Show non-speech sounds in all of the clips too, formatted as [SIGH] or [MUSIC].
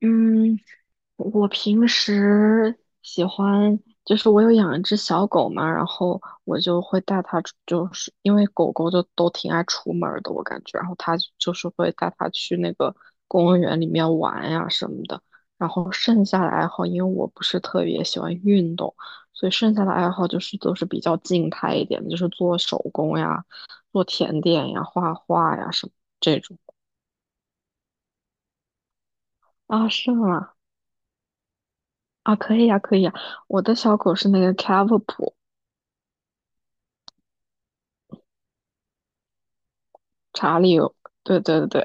嗯，我平时喜欢，就是我有养一只小狗嘛，然后我就会带它就是因为狗狗就都挺爱出门儿的，我感觉，然后它就是会带它去那个公园里面玩呀什么的。然后剩下的爱好，因为我不是特别喜欢运动，所以剩下的爱好就是都是比较静态一点的，就是做手工呀、做甜点呀、画画呀什么这种。啊，是吗？啊，可以呀，可以呀。我的小狗是那个 Cavapoo， 查理，对对对，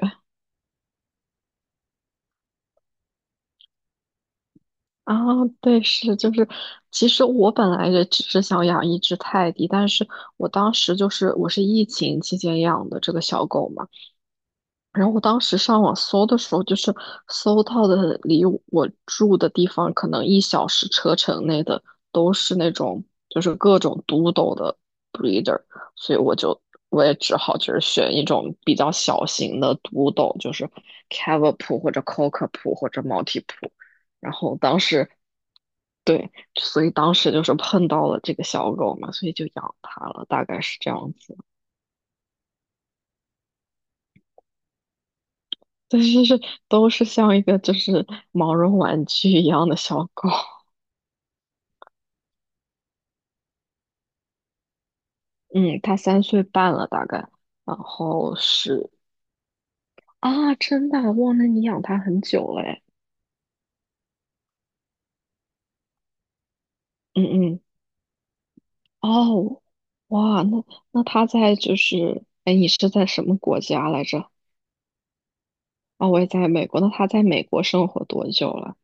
啊，对，是就是，其实我本来也只是想养一只泰迪，但是我当时就是我是疫情期间养的这个小狗嘛，然后我当时上网搜的时候，就是搜到的离我住的地方可能一小时车程内的都是那种就是各种 d 斗的 breeder，所以我也只好就是选一种比较小型的 d 斗，就是 c a v a p 或者 c o c k a p o 或者 Maltipoo。然后当时对，所以当时就是碰到了这个小狗嘛，所以就养它了，大概是这样子。[LAUGHS] 但是是都是像一个就是毛绒玩具一样的小狗。[LAUGHS] 嗯，它3岁半了大概，然后是啊，真的忘了你养它很久了诶。嗯嗯，哦，哇，那它在就是，哎，你是在什么国家来着？啊，我也在美国。那它在美国生活多久了？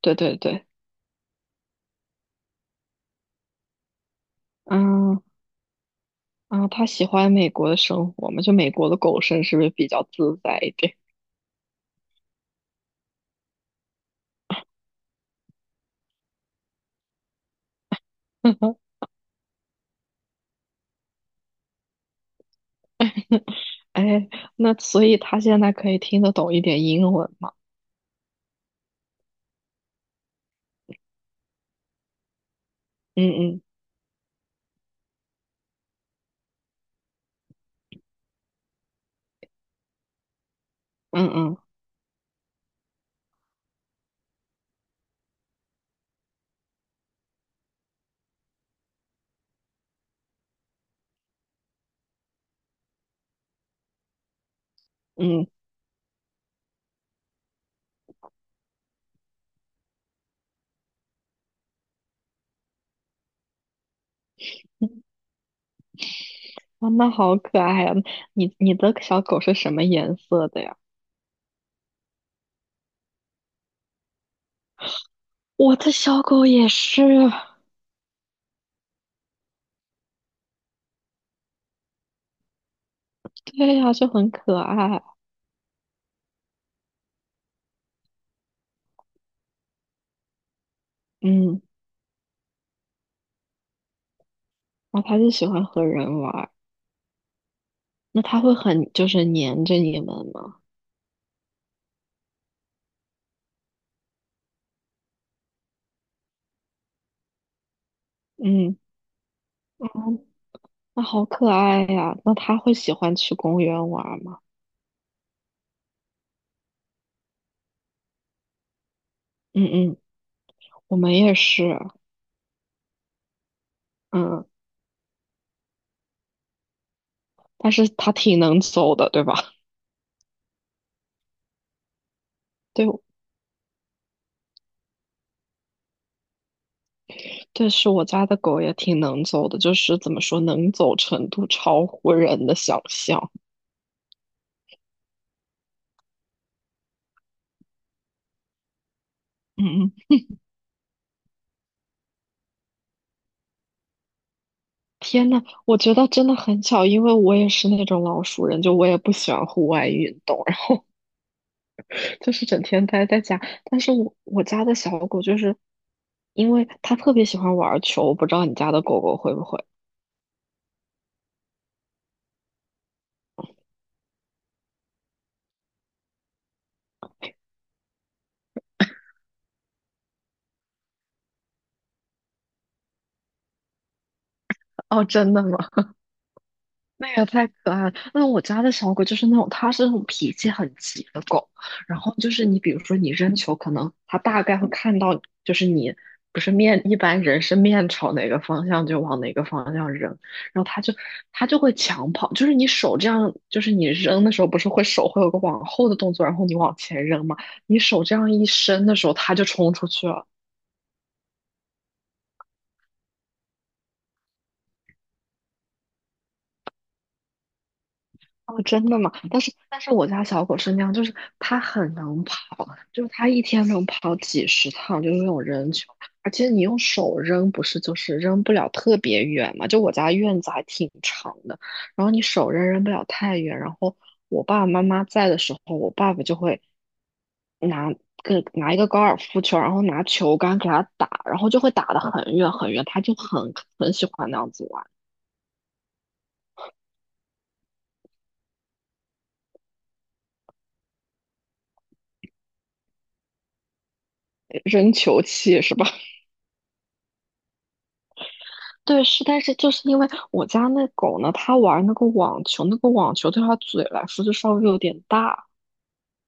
对对对，嗯。啊，它喜欢美国的生活吗？就美国的狗生是不是比较自在一点？[LAUGHS] 哎，那所以他现在可以听得懂一点英文吗？嗯嗯嗯嗯嗯，[LAUGHS] 哇，那好可爱呀！你你的小狗是什么颜色的呀？我的小狗也是，对呀，就很可爱。嗯，然后它就喜欢和人玩儿。那它会很就是黏着你们吗？嗯，哦，那好可爱呀！那它会喜欢去公园玩儿吗？嗯嗯，我们也是，嗯，但是它挺能走的，对吧？[LAUGHS] 对，对，是我家的狗也挺能走的，就是怎么说，能走程度超乎人的想象。嗯嗯，天呐，我觉得真的很巧，因为我也是那种老熟人，就我也不喜欢户外运动，然后就是整天待在家。但是我我家的小狗就是，因为它特别喜欢玩球，我不知道你家的狗狗会不会。哦，真的吗？那个太可爱了。那我家的小狗就是那种，它是那种脾气很急的狗。然后就是你，比如说你扔球，可能它大概会看到，就是你不是面，一般人是面朝哪个方向就往哪个方向扔，然后它就会抢跑。就是你手这样，就是你扔的时候不是会手会有个往后的动作，然后你往前扔嘛，你手这样一伸的时候，它就冲出去了。哦，真的吗？但是我家小狗是那样，就是它很能跑，就是它一天能跑几十趟，就是那种扔球，而且你用手扔，不是就是扔不了特别远嘛？就我家院子还挺长的，然后你手扔扔不了太远，然后我爸爸妈妈在的时候，我爸爸就会拿拿一个高尔夫球，然后拿球杆给它打，然后就会打得很远很远，它就很很喜欢那样子玩，扔球器是吧？对，是，但是就是因为我家那狗呢，它玩那个网球，那个网球对它嘴来说就稍微有点大，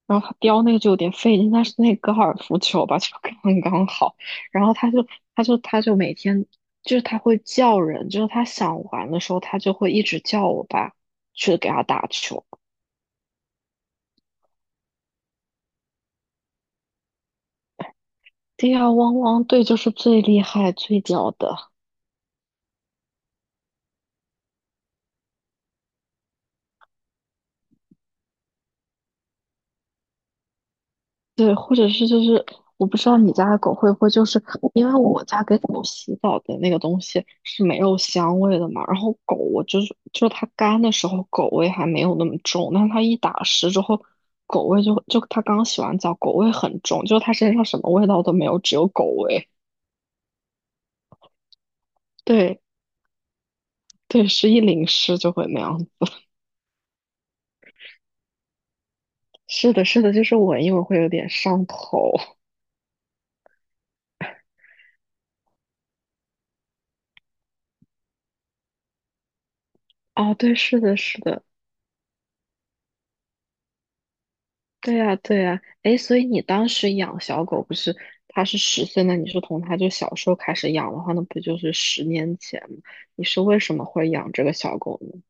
然后它叼那个就有点费劲，但是那个高尔夫球吧 [LAUGHS] 就刚刚好，然后它就每天就是它会叫人，就是它想玩的时候，它就会一直叫我爸去给它打球。对呀，汪汪队就是最厉害最屌的。对，或者是就是我不知道你家的狗会不会就是因为我家给狗洗澡的那个东西是没有香味的嘛，然后狗我就是它干的时候狗味还没有那么重，但是它一打湿之后狗味就它刚洗完澡狗味很重，就是它身上什么味道都没有，只有狗味。对对，是一淋湿就会那样子。是的，是的，就是闻一闻会有点上头。[LAUGHS] 哦，对，是的，是的。对呀，对呀，哎，所以你当时养小狗不是它是10岁那你是从它就小时候开始养的话，那不就是10年前吗？你是为什么会养这个小狗呢？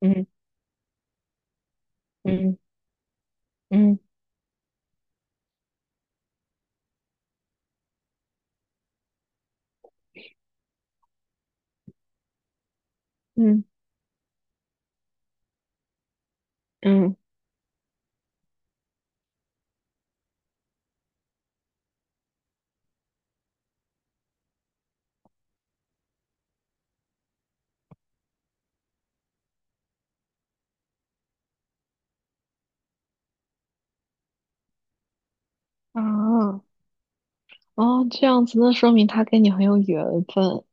嗯嗯嗯嗯嗯，啊，哦，这样子，那说明它跟你很有缘分。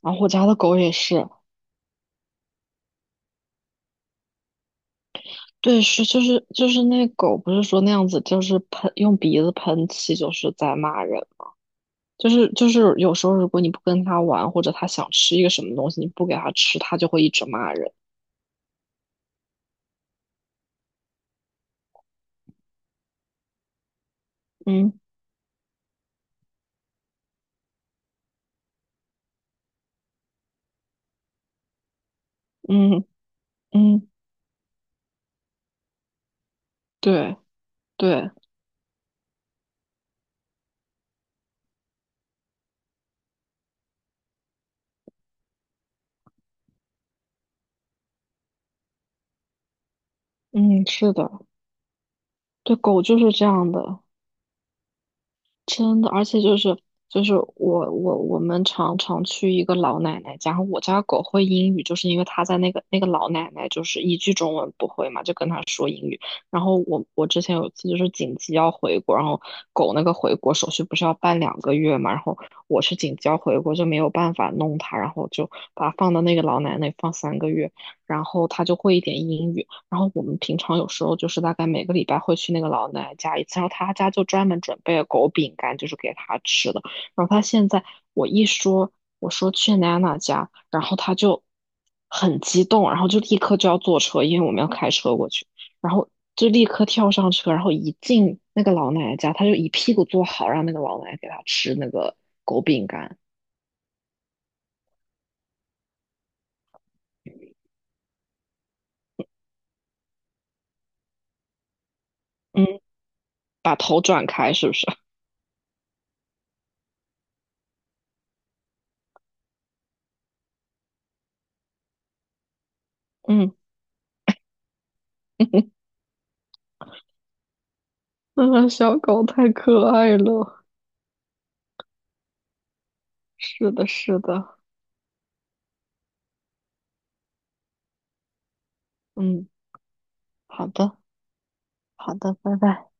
然后我家的狗也是，对，是就是那狗不是说那样子，就是喷用鼻子喷气，就是在骂人就是有时候如果你不跟他玩，或者他想吃一个什么东西，你不给他吃，他就会一直骂人。嗯嗯嗯，对对，嗯，是的，对，狗就是这样的。真的，而且就是就是我们常常去一个老奶奶家，然后我家狗会英语，就是因为它在那个那个老奶奶就是一句中文不会嘛，就跟她说英语。然后我之前有一次就是紧急要回国，然后狗那个回国手续不是要办2个月嘛，然后我是紧急要回国就没有办法弄它，然后就把它放到那个老奶奶放3个月，然后它就会一点英语。然后我们平常有时候就是大概每个礼拜会去那个老奶奶家一次，然后她家就专门准备了狗饼干，就是给她吃的。然后她现在我一说我说去娜娜家，然后她就很激动，然后就立刻就要坐车，因为我们要开车过去，然后就立刻跳上车，然后一进那个老奶奶家，她就一屁股坐好，让那个老奶奶给她吃那个狗饼干。嗯，把头转开是不是？嗯，[LAUGHS] 那小狗太可爱了。是的，是的，嗯，好的，好的，拜拜。